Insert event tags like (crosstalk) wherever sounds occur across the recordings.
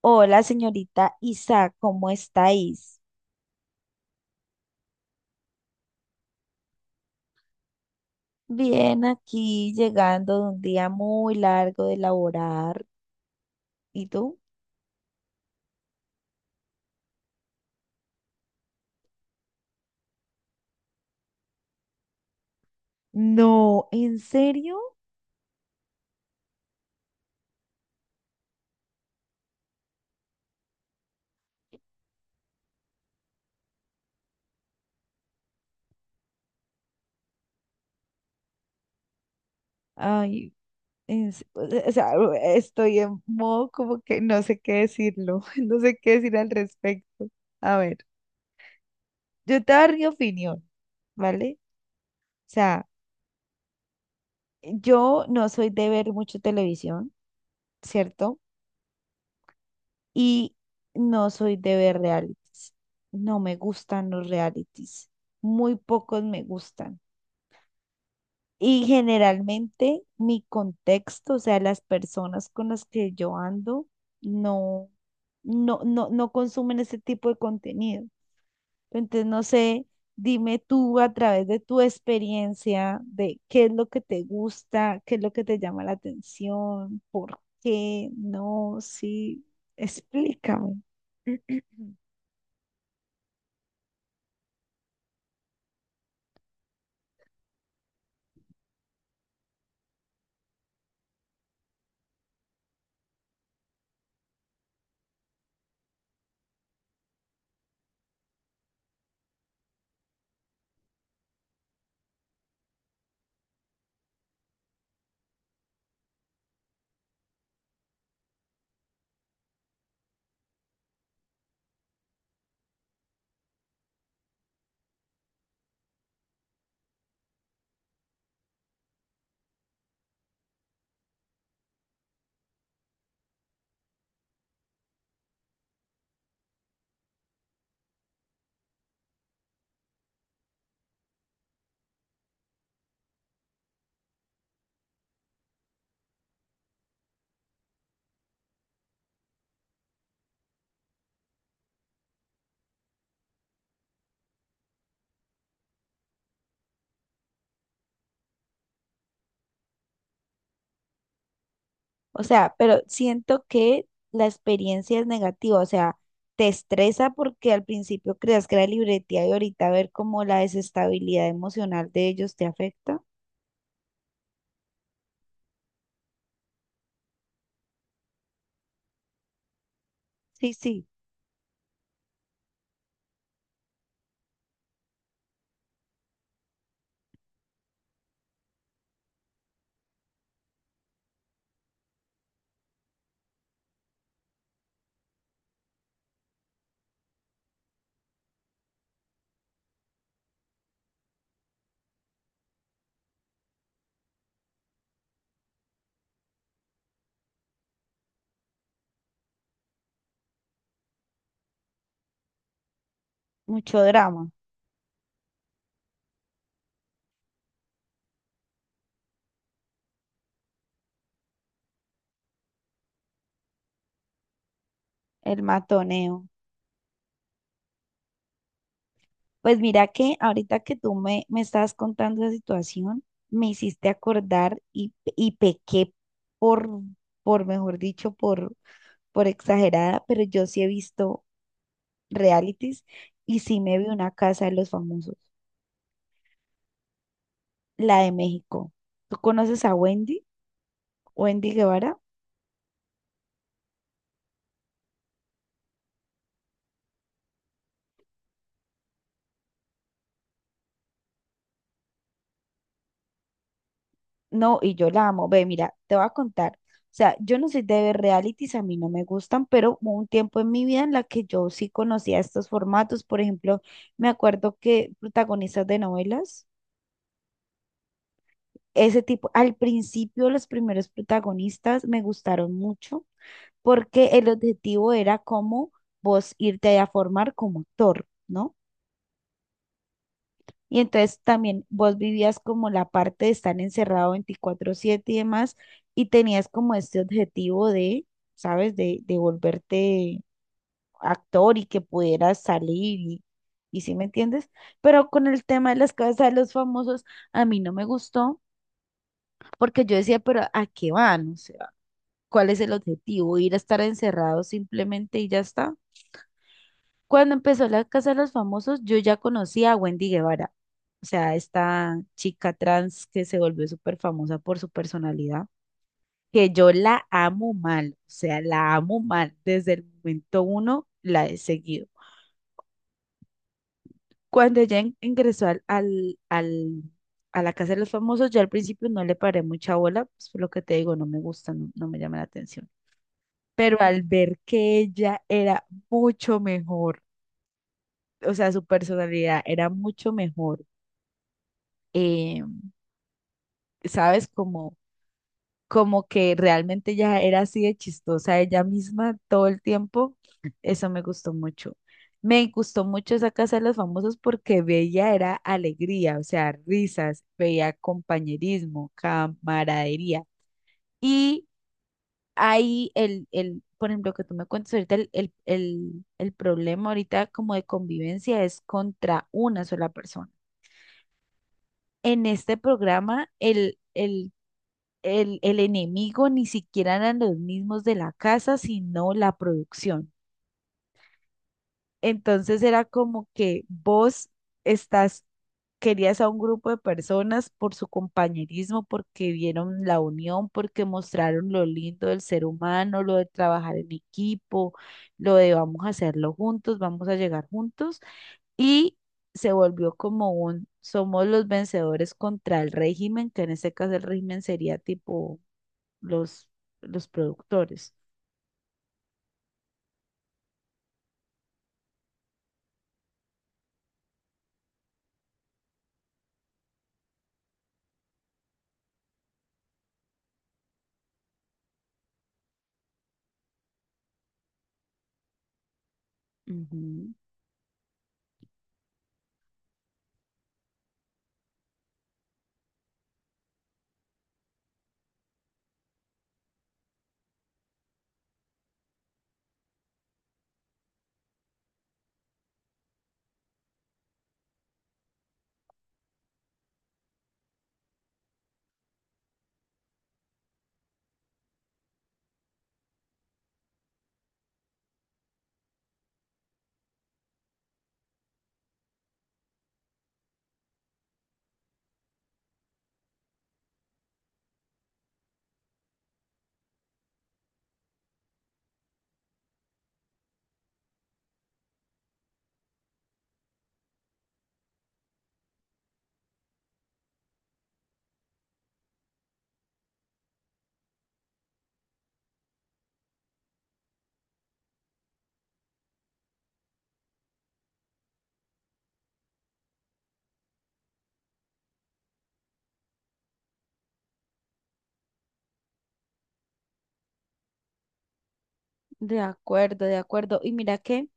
Hola, señorita Isa, ¿cómo estáis? Bien, aquí llegando de un día muy largo de laborar. ¿Y tú? No, ¿en serio? Ay, o sea, estoy en modo como que no sé qué decirlo, (laughs) no sé qué decir al respecto. A ver, yo te daré mi opinión, ¿vale? O sea, yo no soy de ver mucho televisión, ¿cierto? Y no soy de ver realities. No me gustan los realities. Muy pocos me gustan. Y generalmente mi contexto, o sea, las personas con las que yo ando, no, no consumen ese tipo de contenido. Entonces, no sé, dime tú a través de tu experiencia de qué es lo que te gusta, qué es lo que te llama la atención, por qué, no, sí, explícame. (clears throat) O sea, pero siento que la experiencia es negativa, o sea, te estresa porque al principio creas que era libretía y ahorita ver cómo la desestabilidad emocional de ellos te afecta. Sí, sí, mucho drama, el matoneo. Pues mira que ahorita que tú me estabas contando esa situación, me hiciste acordar y pequé por, mejor dicho, por exagerada, pero yo sí he visto realities y sí me vi una casa de los famosos, la de México. ¿Tú conoces a Wendy? Wendy Guevara. No, y yo la amo. Ve, mira, te voy a contar. O sea, yo no soy de ver realities, a mí no me gustan, pero hubo un tiempo en mi vida en la que yo sí conocía estos formatos. Por ejemplo, me acuerdo que protagonistas de novelas, ese tipo, al principio los primeros protagonistas me gustaron mucho porque el objetivo era como vos irte a formar como actor, ¿no? Y entonces también vos vivías como la parte de estar encerrado 24/7 y demás, y tenías como este objetivo de, ¿sabes? De volverte actor y que pudieras salir y ¿sí me entiendes? Pero con el tema de las casas de los famosos, a mí no me gustó, porque yo decía, pero ¿a qué van? O sea, ¿cuál es el objetivo? ¿Ir a estar encerrado simplemente y ya está? Cuando empezó la Casa de los Famosos, yo ya conocía a Wendy Guevara, o sea, esta chica trans que se volvió súper famosa por su personalidad, que yo la amo mal, o sea, la amo mal. Desde el momento uno la he seguido. Cuando ella ingresó a la Casa de los Famosos, yo al principio no le paré mucha bola, pues por lo que te digo, no me gusta, no, no me llama la atención. Pero al ver que ella era mucho mejor, o sea, su personalidad era mucho mejor eh, ¿sabes? Como que realmente ya era así de chistosa ella misma todo el tiempo. Eso me gustó mucho. Me gustó mucho esa Casa de los Famosos porque veía era alegría, o sea, risas, veía compañerismo, camaradería. Y ahí por ejemplo, que tú me cuentas ahorita, el problema ahorita como de convivencia es contra una sola persona. En este programa, el enemigo ni siquiera eran los mismos de la casa, sino la producción. Entonces era como que vos estás, querías a un grupo de personas por su compañerismo, porque vieron la unión, porque mostraron lo lindo del ser humano, lo de trabajar en equipo, lo de vamos a hacerlo juntos, vamos a llegar juntos. Y se volvió como un, somos los vencedores contra el régimen, que en este caso el régimen sería tipo los, los productores. Ujú. De acuerdo, de acuerdo. Y mira que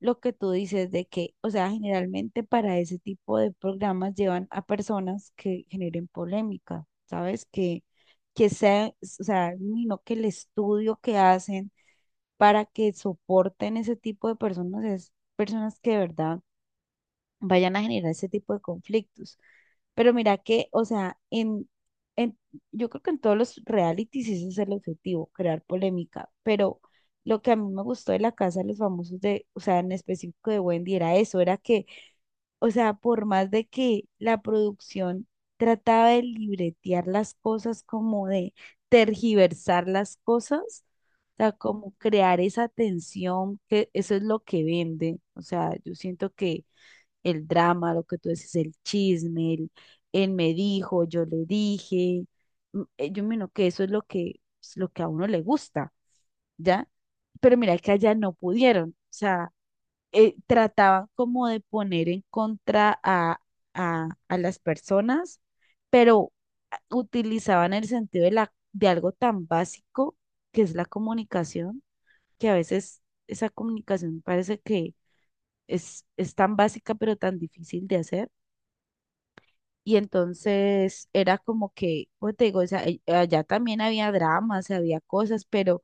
lo que tú dices de que, o sea, generalmente para ese tipo de programas llevan a personas que generen polémica, ¿sabes? Que sea, o sea, no que el estudio que hacen para que soporten ese tipo de personas es personas que de verdad vayan a generar ese tipo de conflictos. Pero mira que, o sea, en, yo creo que en todos los realities ese es el objetivo, crear polémica. Pero lo que a mí me gustó de La Casa de los Famosos, de, o sea, en específico de Wendy, era eso, era que, o sea, por más de que la producción trataba de libretear las cosas, como de tergiversar las cosas, o sea, como crear esa tensión, que eso es lo que vende. O sea, yo siento que el drama, lo que tú dices, el chisme, él me dijo, yo le dije. Yo miro que eso es lo que a uno le gusta, ¿ya? Pero mira que allá no pudieron, o sea, trataban como de poner en contra a, a las personas, pero utilizaban el sentido de algo tan básico que es la comunicación, que a veces esa comunicación parece que es tan básica pero tan difícil de hacer. Y entonces era como que, pues te digo, o sea, allá también había dramas, había cosas, pero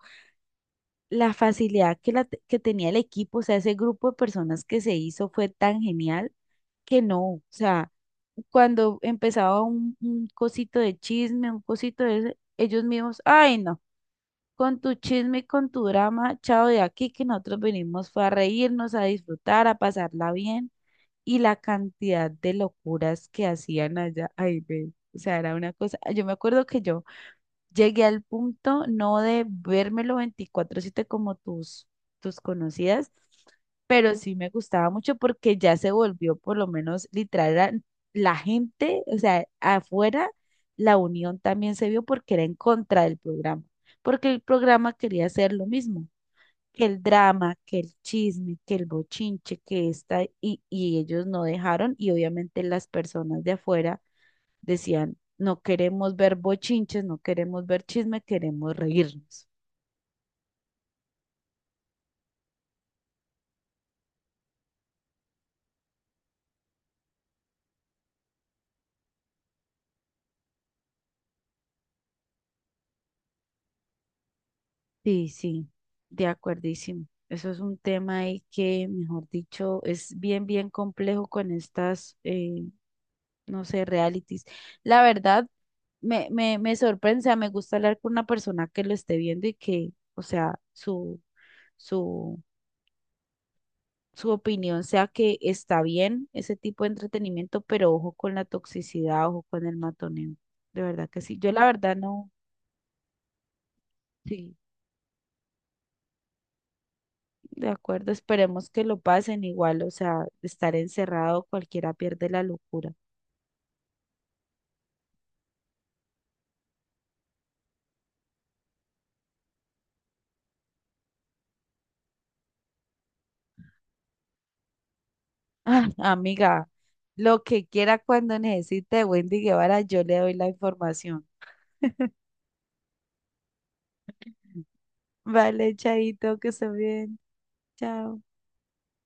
la facilidad que tenía el equipo, o sea, ese grupo de personas que se hizo fue tan genial que no, o sea, cuando empezaba un cosito de chisme, un cosito de ese, ellos mismos, ay no, con tu chisme, y con tu drama, chao de aquí, que nosotros venimos fue a reírnos, a disfrutar, a pasarla bien y la cantidad de locuras que hacían allá, ay, ve, o sea, era una cosa, yo me acuerdo que yo llegué al punto no de vérmelo 24/7 como tus conocidas, pero sí me gustaba mucho porque ya se volvió por lo menos literal era la gente, o sea, afuera la unión también se vio porque era en contra del programa, porque el programa quería hacer lo mismo que el drama, que el chisme, que el bochinche, que esta, y ellos no dejaron, y obviamente las personas de afuera decían, no queremos ver bochinches, no queremos ver chisme, queremos reírnos. Sí, sí, de acuerdísimo. Eso es un tema ahí que, mejor dicho, es bien, bien complejo con estas, no sé, realities. La verdad, me sorprende, o sea, me gusta hablar con una persona que lo esté viendo y que, o sea, su, su su opinión sea que está bien ese tipo de entretenimiento, pero ojo con la toxicidad, ojo con el matoneo. De verdad que sí. Yo la verdad no, sí, de acuerdo, esperemos que lo pasen igual, o sea, estar encerrado cualquiera pierde la locura. (laughs) Ah, amiga, lo que quiera cuando necesite de Wendy Guevara, yo le doy la información. (laughs) Vale, chaito, que se bien. Chao.